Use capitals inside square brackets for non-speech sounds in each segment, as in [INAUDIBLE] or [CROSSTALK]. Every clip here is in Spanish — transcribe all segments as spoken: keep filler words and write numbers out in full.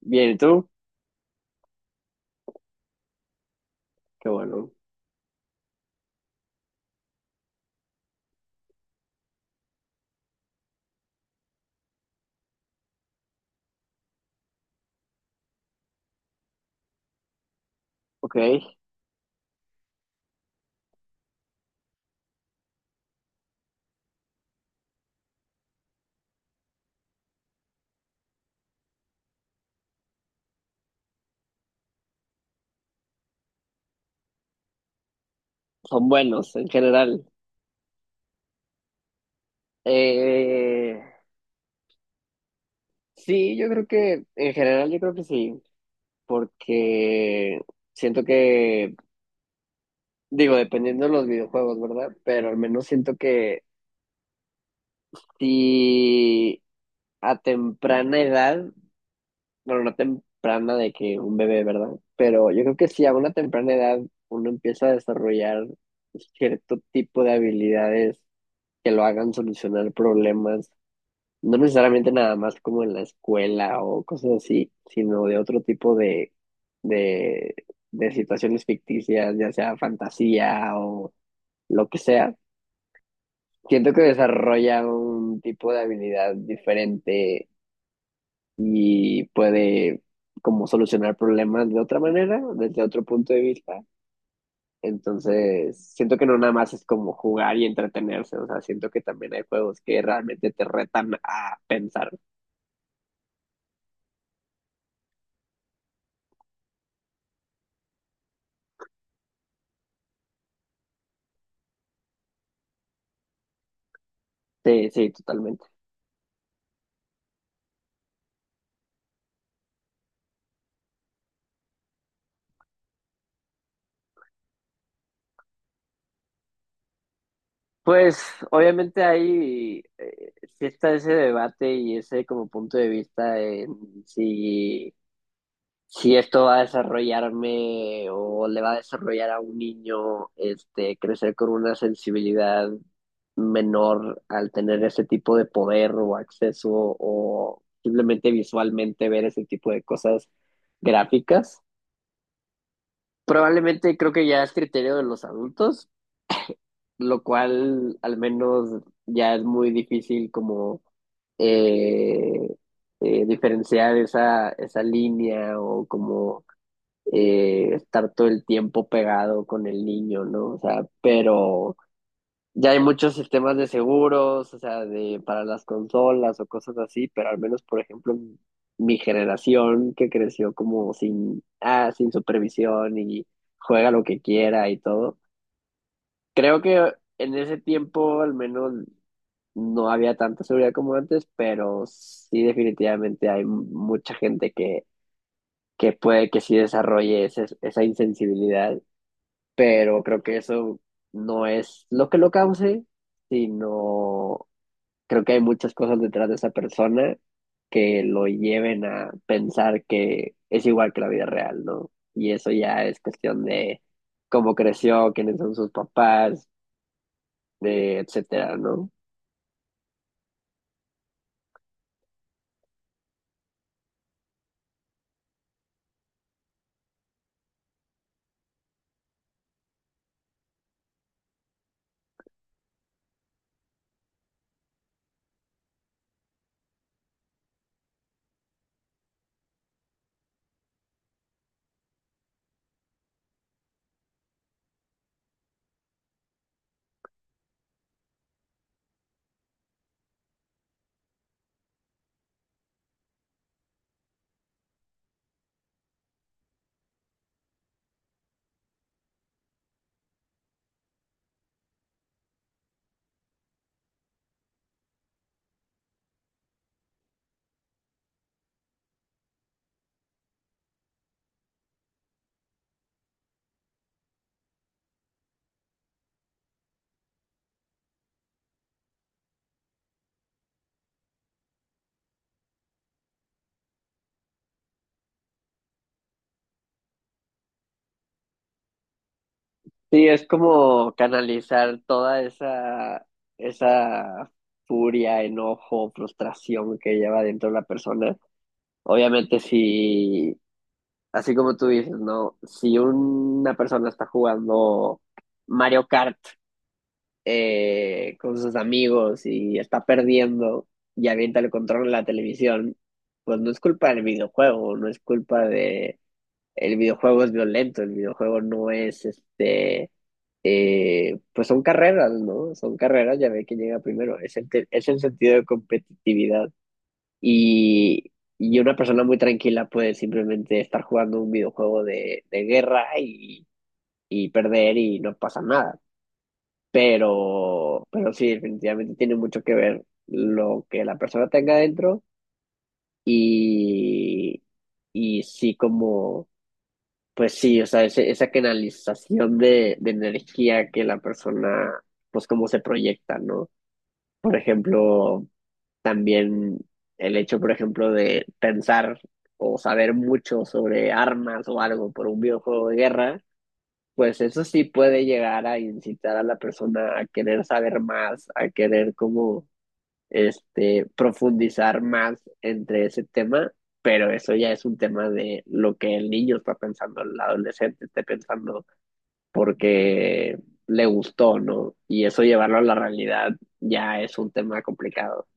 Bien, ¿y tú? Qué bueno. Ok, son buenos en general. Eh, sí, yo creo que, en general yo creo que sí, porque siento que, digo, dependiendo de los videojuegos, ¿verdad? Pero al menos siento que si a temprana edad, bueno, no temprana de que un bebé, ¿verdad? Pero yo creo que si a una temprana edad uno empieza a desarrollar cierto tipo de habilidades que lo hagan solucionar problemas. No necesariamente nada más como en la escuela o cosas así, sino de otro tipo de, de, de situaciones ficticias, ya sea fantasía o lo que sea. Siento que desarrolla un tipo de habilidad diferente y puede como solucionar problemas de otra manera, desde otro punto de vista. Entonces, siento que no nada más es como jugar y entretenerse, o sea, siento que también hay juegos que realmente te retan a pensar. Sí, sí, totalmente. Pues obviamente hay, eh, sí está ese debate y ese como punto de vista en si, si esto va a desarrollarme o le va a desarrollar a un niño este, crecer con una sensibilidad menor al tener ese tipo de poder o acceso o simplemente visualmente ver ese tipo de cosas gráficas. Probablemente creo que ya es criterio de los adultos, lo cual al menos ya es muy difícil como eh, eh, diferenciar esa, esa línea o como eh, estar todo el tiempo pegado con el niño, ¿no? O sea, pero ya hay muchos sistemas de seguros, o sea, de, para las consolas o cosas así, pero al menos, por ejemplo, mi generación que creció como sin, ah, sin supervisión y juega lo que quiera y todo. Creo que en ese tiempo al menos no había tanta seguridad como antes, pero sí definitivamente hay mucha gente que, que puede que sí desarrolle ese- esa insensibilidad, pero creo que eso no es lo que lo cause, sino creo que hay muchas cosas detrás de esa persona que lo lleven a pensar que es igual que la vida real, ¿no? Y eso ya es cuestión de cómo creció, quiénes son sus papás, de etcétera, ¿no? Sí, es como canalizar toda esa, esa furia, enojo, frustración que lleva dentro la persona. Obviamente, si, así como tú dices, ¿no? Si una persona está jugando Mario Kart eh, con sus amigos y está perdiendo y avienta el control en la televisión, pues no es culpa del videojuego, no es culpa de... El videojuego es violento, el videojuego no es este eh, pues son carreras, ¿no? Son carreras, ya ve que llega primero. Es el, te- es el sentido de competitividad. Y, y una persona muy tranquila puede simplemente estar jugando un videojuego de, de guerra y, y perder y no pasa nada. Pero, pero sí, definitivamente tiene mucho que ver lo que la persona tenga dentro y, y sí como. Pues sí, o sea, ese- esa canalización de, de energía que la persona, pues cómo se proyecta, ¿no? Por ejemplo, también el hecho, por ejemplo, de pensar o saber mucho sobre armas o algo por un videojuego de guerra, pues eso sí puede llegar a incitar a la persona a querer saber más, a querer como, este, profundizar más entre ese tema, pero eso ya es un tema de lo que el niño está pensando, el adolescente esté pensando porque le gustó, ¿no? Y eso llevarlo a la realidad ya es un tema complicado.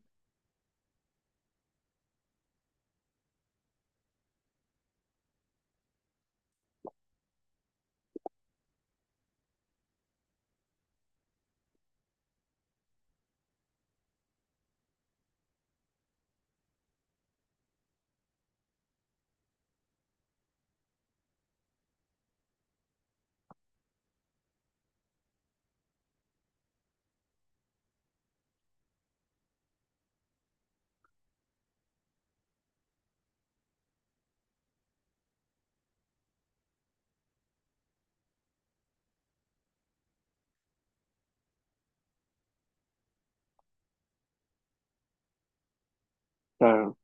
Claro.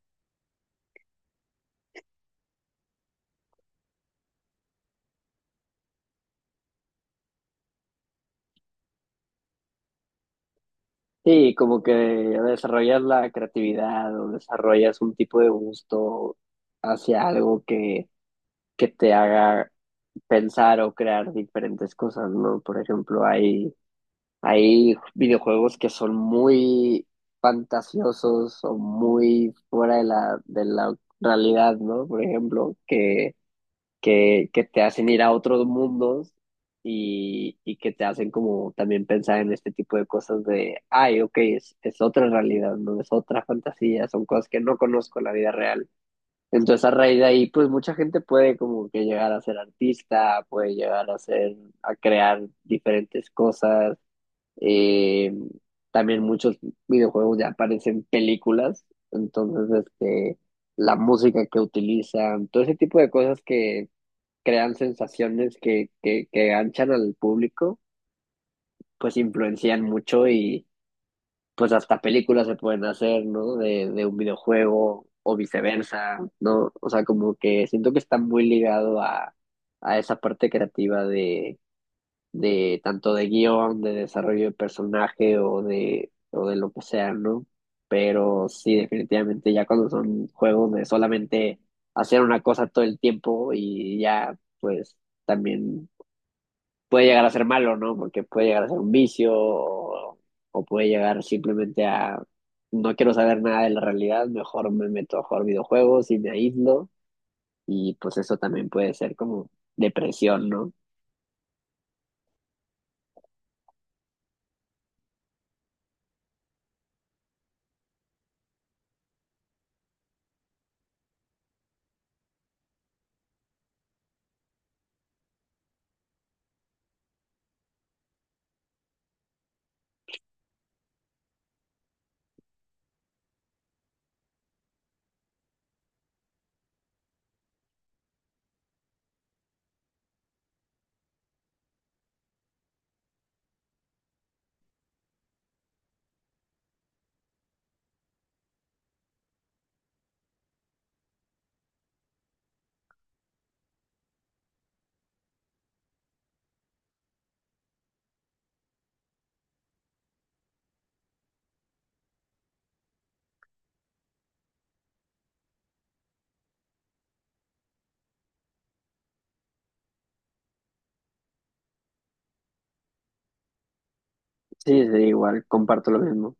Sí, como que desarrollas la creatividad o desarrollas un tipo de gusto hacia algo que, que te haga pensar o crear diferentes cosas, ¿no? Por ejemplo, hay, hay videojuegos que son muy fantasiosos o muy fuera de la, de la realidad, ¿no? Por ejemplo, que que, que te hacen ir a otros mundos y, y que te hacen como también pensar en este tipo de cosas de, ay, ok, es, es otra realidad, no es otra fantasía, son cosas que no conozco en la vida real. Entonces a raíz de ahí, pues mucha gente puede como que llegar a ser artista, puede llegar a ser, a crear diferentes cosas. eh, También muchos videojuegos ya aparecen películas, entonces este, la música que utilizan, todo ese tipo de cosas que crean sensaciones que, que, que ganchan al público, pues influencian mucho y pues hasta películas se pueden hacer, ¿no? De, de un videojuego o viceversa, ¿no? O sea, como que siento que está muy ligado a, a esa parte creativa de, de tanto de guión, de desarrollo de personaje o de, o de lo que sea, ¿no? Pero sí, definitivamente ya cuando son juegos de solamente hacer una cosa todo el tiempo y ya, pues también puede llegar a ser malo, ¿no? Porque puede llegar a ser un vicio o, o puede llegar simplemente a no quiero saber nada de la realidad, mejor me meto a jugar videojuegos y me aíslo y pues eso también puede ser como depresión, ¿no? Sí, sí, igual, comparto lo mismo.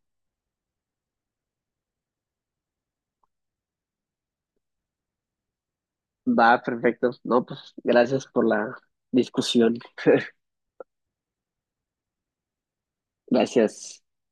Va, perfecto. No, pues gracias por la discusión. [LAUGHS] Gracias.